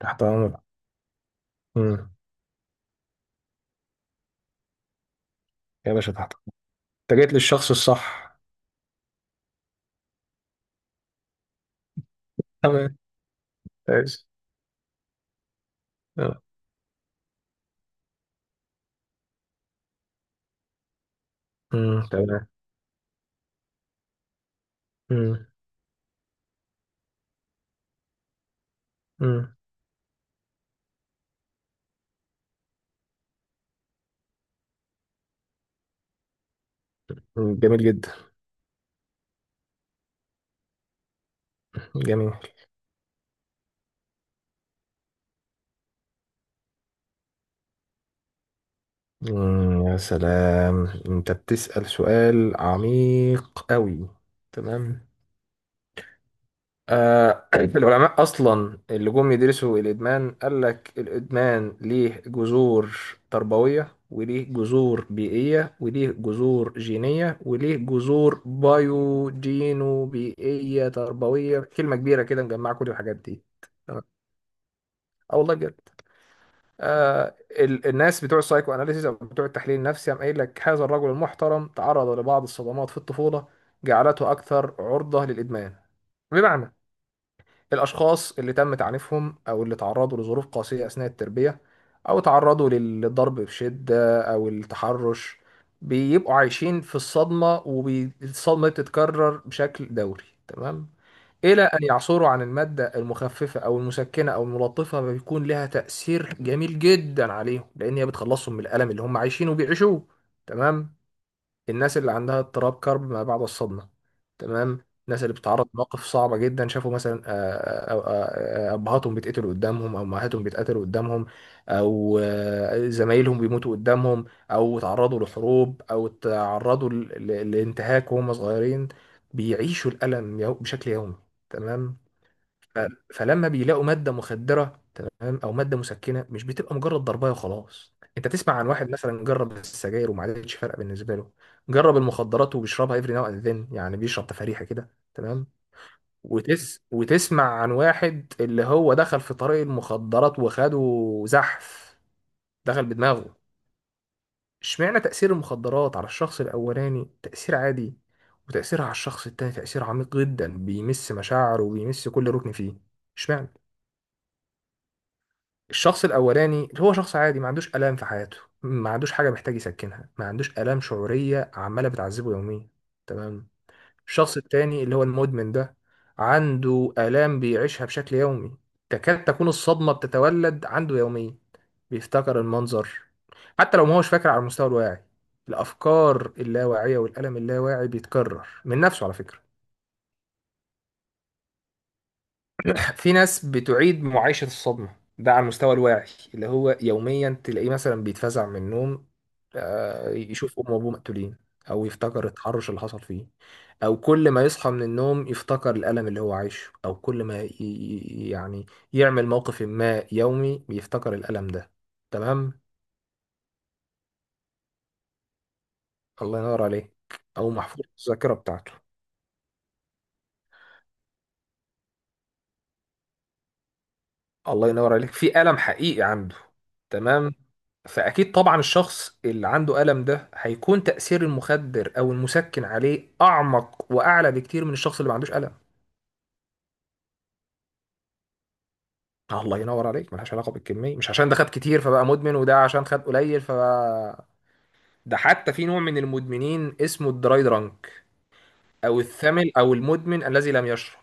تحت امرك. امم يا باشا تحت أمرك. انت جيت للشخص الصح. تمام. كويس. آه. تمام. امم امم جميل جدا. جميل. يا سلام، انت بتسأل سؤال عميق قوي. تمام. آه، العلماء أصلا اللي جم يدرسوا الإدمان قال لك الإدمان ليه جذور تربوية، وليه جذور بيئية، وليه جذور جينية، وليه جذور بايو جينو بيئية تربوية، كلمة كبيرة كده مجمعة كل الحاجات دي. تمام. اه والله بجد. آه، الناس بتوع السايكو اناليسيس او بتوع التحليل النفسي قام قايل لك هذا الرجل المحترم تعرض لبعض الصدمات في الطفولة جعلته أكثر عرضة للإدمان. بمعنى، الأشخاص اللي تم تعنيفهم أو اللي تعرضوا لظروف قاسية أثناء التربية، أو تعرضوا للضرب بشدة أو التحرش، بيبقوا عايشين في الصدمة، والصدمة بتتكرر بشكل دوري. تمام. إلى أن يعثروا عن المادة المخففة أو المسكنة أو الملطفة، بيكون لها تأثير جميل جدا عليهم، لأن هي بتخلصهم من الألم اللي هم عايشينه وبيعيشوه. تمام. الناس اللي عندها اضطراب كرب ما بعد الصدمة، تمام، الناس اللي بتتعرض لمواقف صعبة جدا، شافوا مثلا أبهاتهم بيتقتلوا قدامهم أو أمهاتهم بيتقتلوا قدامهم، أو زمايلهم بيموتوا قدامهم، أو تعرضوا لحروب، أو تعرضوا لانتهاك وهم صغيرين، بيعيشوا الألم بشكل يومي. تمام. ف- فلما بيلاقوا ماده مخدره، تمام، او ماده مسكنه، مش بتبقى مجرد ضربايه وخلاص. انت تسمع عن واحد مثلا جرب السجاير وما عادتش فارقه بالنسبه له، جرب المخدرات وبيشربها افري ناو اند ذن، يعني بيشرب تفاريحه كده، تمام. وتسمع عن واحد اللي هو دخل في طريق المخدرات وخده، زحف، دخل بدماغه. اشمعنى تأثير المخدرات على الشخص الأولاني تأثير عادي، وتأثيرها على الشخص التاني تأثير عميق جدا بيمس مشاعره وبيمس كل ركن فيه؟ اشمعنى؟ الشخص الاولاني هو شخص عادي ما عندوش الام في حياته، ما عندوش حاجه محتاج يسكنها، ما عندوش الام شعوريه عماله بتعذبه يوميا. تمام. الشخص التاني اللي هو المدمن ده، عنده الام بيعيشها بشكل يومي، تكاد تكون الصدمه بتتولد عنده يوميا، بيفتكر المنظر حتى لو ما هوش فاكر على المستوى الواعي. الافكار اللاواعيه والالم اللاواعي بيتكرر من نفسه على فكره. في ناس بتعيد معايشة الصدمة ده على المستوى الواعي، اللي هو يوميا تلاقيه مثلا بيتفزع من النوم، يشوف أمه وأبوه مقتولين، أو يفتكر التحرش اللي حصل فيه، أو كل ما يصحى من النوم يفتكر الألم اللي هو عايشه، أو كل ما يعني يعمل موقف ما يومي بيفتكر الألم ده. تمام. الله ينور عليك. أو محفور في الذاكرة بتاعته. الله ينور عليك، في ألم حقيقي عنده. تمام. فأكيد طبعا الشخص اللي عنده ألم ده هيكون تأثير المخدر أو المسكن عليه أعمق وأعلى بكتير من الشخص اللي ما عندوش ألم. الله ينور عليك، ملهاش علاقة بالكمية، مش عشان ده خد كتير فبقى مدمن، وده عشان خد قليل فبقى. ده حتى في نوع من المدمنين اسمه الدراي درانك، أو الثمل، أو المدمن الذي لم يشرب.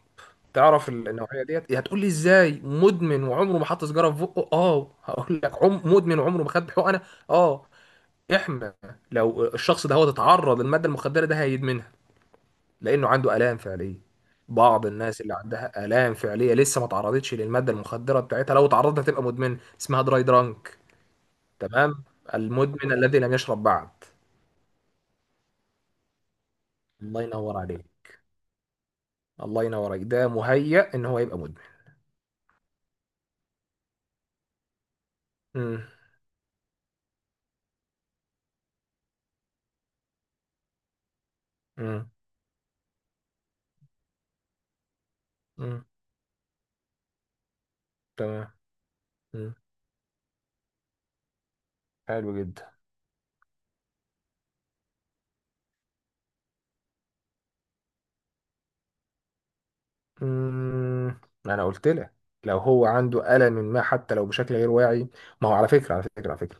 تعرف النوعية ديت؟ هتقول لي ازاي مدمن وعمره ما حط سيجارة في بقه؟ اه، هقول لك عم مدمن وعمره ما خد حقنة. اه، احنا لو الشخص ده هو اتعرض للماده المخدره ده هيدمنها، لانه عنده الام فعليه. بعض الناس اللي عندها الام فعليه لسه ما تعرضتش للماده المخدره بتاعتها، لو اتعرضت هتبقى مدمنه، اسمها دراي درانك. تمام. المدمن الذي لم يشرب بعد. الله ينور عليك. الله ينور عليك، ده مهيأ ان هو يبقى مدمن. مم. مم. مم. تمام. مم. حلو جدا. مم. انا قلت لك، لو هو عنده الم ما حتى لو بشكل غير واعي، ما هو على فكره على فكره على فكره،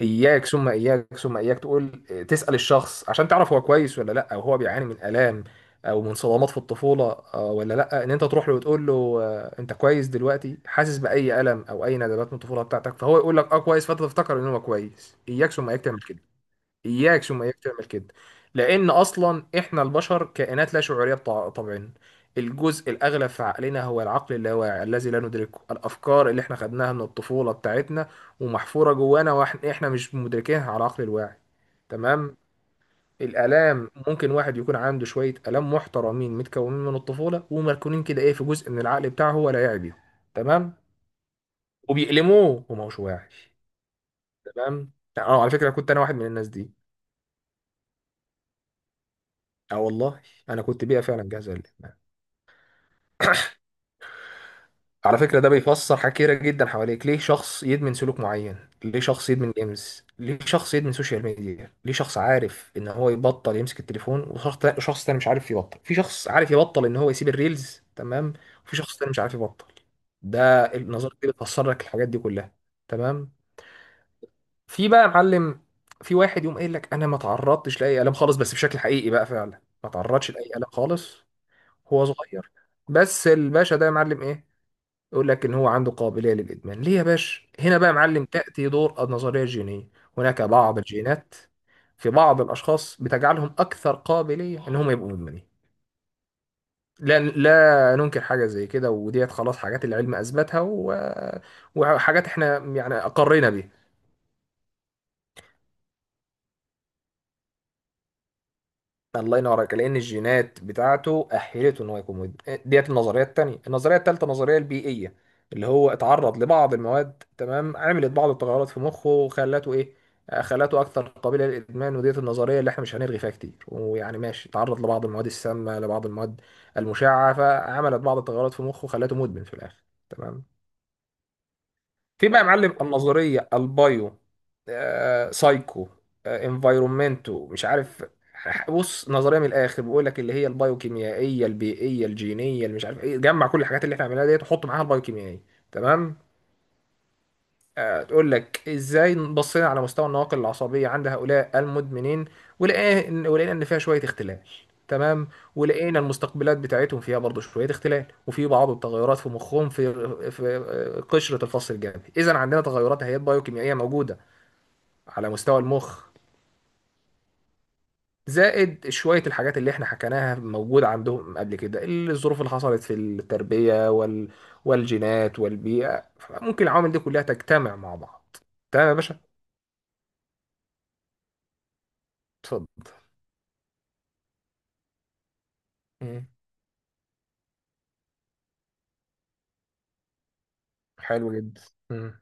اياك ثم اياك ثم اياك تقول تسأل الشخص عشان تعرف هو كويس ولا لا، او هو بيعاني من الام او من صدمات في الطفولة. ولا لا، ان انت تروح له وتقول له انت كويس دلوقتي، حاسس باي الم او اي ندبات من الطفولة بتاعتك؟ فهو يقول لك اه كويس، فانت تفتكر ان هو كويس. اياك ثم اياك تعمل كده. اياك ثم اياك تعمل كده، لان اصلا احنا البشر كائنات لا شعوريه طبعا. الجزء الاغلب في عقلنا هو العقل اللاواعي الذي لا ندركه، الافكار اللي احنا خدناها من الطفوله بتاعتنا ومحفوره جوانا، واحنا مش مدركينها على العقل الواعي. تمام. الالام، ممكن واحد يكون عنده شويه الام محترمين متكونين من الطفوله ومركونين كده ايه في جزء من العقل بتاعه هو لا يعي بيهم. تمام. وبيألموه وما هوش واعي. تمام. اه على فكره كنت انا واحد من الناس دي. اه والله انا كنت بيئه فعلا جاهزه للادمان. على فكره ده بيفسر حاجات كتيره جدا حواليك. ليه شخص يدمن سلوك معين؟ ليه شخص يدمن جيمز؟ ليه شخص يدمن سوشيال ميديا؟ ليه شخص عارف ان هو يبطل يمسك التليفون، وشخص شخص تاني مش عارف يبطل؟ في شخص عارف يبطل ان هو يسيب الريلز، تمام، وفي شخص تاني مش عارف يبطل. ده النظريه دي بتفسر لك الحاجات دي كلها. تمام. في بقى يا معلم، في واحد يقوم قايل لك انا ما تعرضتش لاي الام خالص، بس بشكل حقيقي بقى فعلا ما تعرضش لاي الام خالص، هو صغير، بس الباشا ده يا معلم ايه، يقول لك ان هو عنده قابليه للادمان. ليه يا باشا؟ هنا بقى يا معلم تاتي دور النظريه الجينيه. هناك بعض الجينات في بعض الاشخاص بتجعلهم اكثر قابليه ان هم يبقوا مدمنين. لا، ننكر حاجه زي كده، وديت خلاص حاجات العلم اثبتها، و... وحاجات احنا يعني اقرينا بيها. الله ينور عليك، لان الجينات بتاعته اهلته ان هو يكون مدمن. ديت النظريه الثانيه. النظريه الثالثه، النظريه البيئيه، اللي هو اتعرض لبعض المواد، تمام، عملت بعض التغيرات في مخه وخلته ايه، خلته اكثر قابله للادمان. وديت النظريه اللي احنا مش هنلغي فيها كتير، ويعني ماشي، اتعرض لبعض المواد السامه، لبعض المواد المشعه، فعملت بعض التغيرات في مخه خلته مدمن في الاخر. تمام. في بقى يا معلم النظريه البايو سايكو انفايرومنتو، مش عارف. بص، نظريه من الاخر بيقول لك اللي هي البايوكيميائيه البيئيه الجينيه اللي مش عارف ايه، جمع كل الحاجات اللي احنا عملناها ديت وحط معاها البايوكيميائيه. تمام. تقول لك ازاي، بصينا على مستوى النواقل العصبيه عند هؤلاء المدمنين، ولقينا ان فيها شويه اختلال. تمام. ولقينا المستقبلات بتاعتهم فيها برضه شويه اختلال، وفي بعض التغيرات في مخهم، في قشره الفص الجبهي. اذا عندنا تغيرات هيئات بايوكيميائيه موجوده على مستوى المخ، زائد شويه الحاجات اللي احنا حكيناها موجوده عندهم قبل كده، الظروف اللي حصلت في التربيه وال والجينات والبيئه، ممكن العوامل دي كلها تجتمع مع بعض. تمام يا باشا. اتفضل. مم. حلو جدا. مم.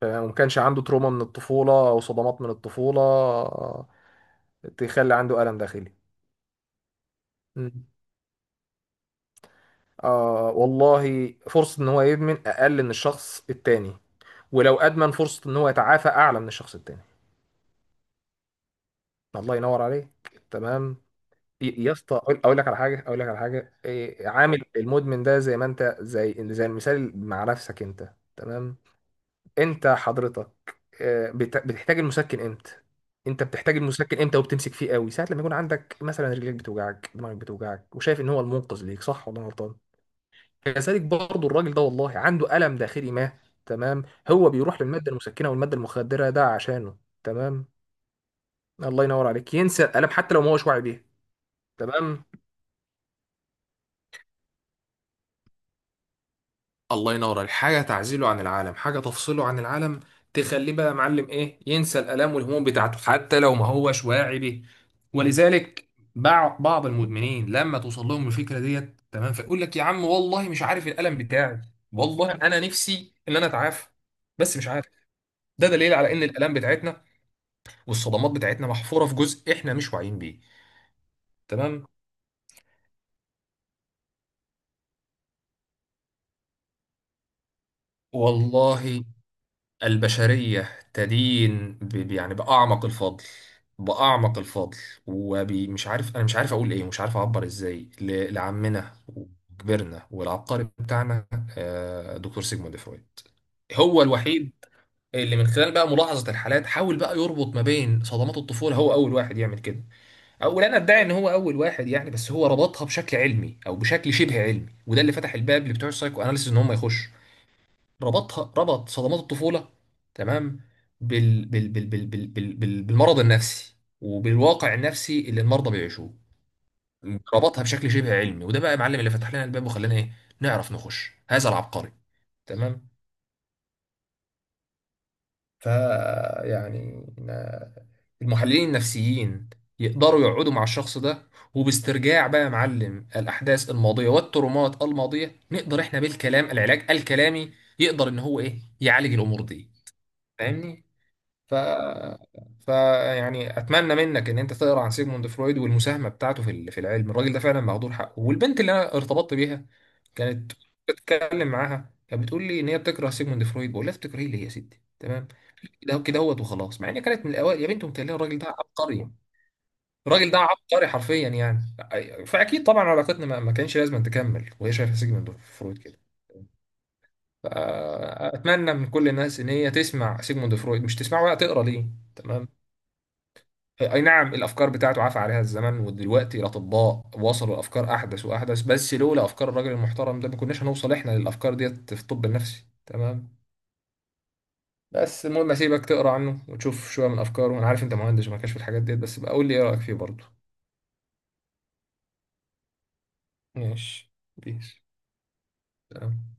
تمام. وما كانش عنده تروما من الطفولة أو صدمات من الطفولة تخلي عنده ألم داخلي. مم. آه والله، فرصة إن هو يدمن أقل من الشخص التاني، ولو أدمن فرصة إن هو يتعافى أعلى من الشخص التاني. الله ينور عليك. تمام. يا اسطى، أقول لك على حاجة، أقول لك على حاجة إيه، عامل المدمن ده زي ما أنت، زي المثال مع نفسك أنت. تمام. انت حضرتك بتحتاج المسكن امتى؟ انت بتحتاج المسكن امتى وبتمسك فيه قوي ساعه لما يكون عندك مثلا رجليك بتوجعك، دماغك بتوجعك، وشايف ان هو المنقذ ليك، صح ولا انا غلطان؟ كذلك برضه الراجل ده والله عنده الم داخلي ما، تمام، هو بيروح للماده المسكنه والماده المخدره ده عشانه. تمام. الله ينور عليك، ينسى الالم حتى لو ما هوش واعي بيها. تمام. الله ينور عليك. حاجه تعزله عن العالم، حاجه تفصله عن العالم، تخليه بقى يا معلم ايه، ينسى الالام والهموم بتاعته حتى لو ما هوش واعي بيه. ولذلك بعض المدمنين لما توصل لهم الفكره ديت، تمام، فيقول لك يا عم والله مش عارف الالم بتاعي، والله انا نفسي ان انا اتعافى بس مش عارف. ده دليل على ان الالام بتاعتنا والصدمات بتاعتنا محفوره في جزء احنا مش واعيين بيه. تمام. والله البشرية تدين يعني بأعمق الفضل، بأعمق الفضل، ومش عارف، أنا مش عارف أقول إيه، مش عارف أعبر إزاي لعمنا وكبرنا والعبقري بتاعنا دكتور سيجموند فرويد. هو الوحيد اللي من خلال بقى ملاحظة الحالات حاول بقى يربط ما بين صدمات الطفولة، هو أول واحد يعمل كده، أو لا أنا أدعي إن هو أول واحد يعني، بس هو ربطها بشكل علمي أو بشكل شبه علمي، وده اللي فتح الباب لبتوع السايكو أناليسيس إن هم يخشوا. ربطها، ربط صدمات الطفولة، تمام، بالمرض النفسي وبالواقع النفسي اللي المرضى بيعيشوه. ربطها بشكل شبه علمي، وده بقى يا معلم اللي فتح لنا الباب وخلانا ايه، نعرف نخش هذا العبقري. تمام. ف يعني المحللين النفسيين يقدروا يقعدوا مع الشخص ده، وباسترجاع بقى يا معلم الأحداث الماضية والترومات الماضية، نقدر احنا بالكلام، العلاج الكلامي، يقدر ان هو ايه يعالج الأمور دي. فاهمني؟ ف... ف يعني اتمنى منك ان انت تقرا عن سيجموند فرويد والمساهمه بتاعته في في العلم. الراجل ده فعلا مهدور حقه. والبنت اللي انا ارتبطت بيها كانت بتتكلم معاها، كانت بتقول لي ان هي بتكره سيجموند فرويد. بقول لها بتكرهيه ليه يا ستي، تمام، كده كده هوت وخلاص، مع ان كانت من الاوائل. يا بنت متهيألي الراجل ده عبقري، الراجل ده عبقري حرفيا يعني. فاكيد طبعا علاقتنا ما كانش لازم تكمل وهي شايفه سيجموند فرويد كده. فاتمنى من كل الناس ان هي تسمع سيجموند فرويد، مش تسمعه بقى، تقرا ليه. تمام. اي نعم الافكار بتاعته عفى عليها الزمن، ودلوقتي الاطباء وصلوا الافكار احدث واحدث، بس لولا افكار الراجل المحترم ده ما كناش هنوصل احنا للافكار ديت في الطب النفسي. تمام. بس المهم اسيبك تقرا عنه وتشوف شويه من افكاره، انا عارف انت مهندس وما كانش في الحاجات ديت، بس بقى قول لي ايه رايك فيه برضه. ماشي بيس. سلام.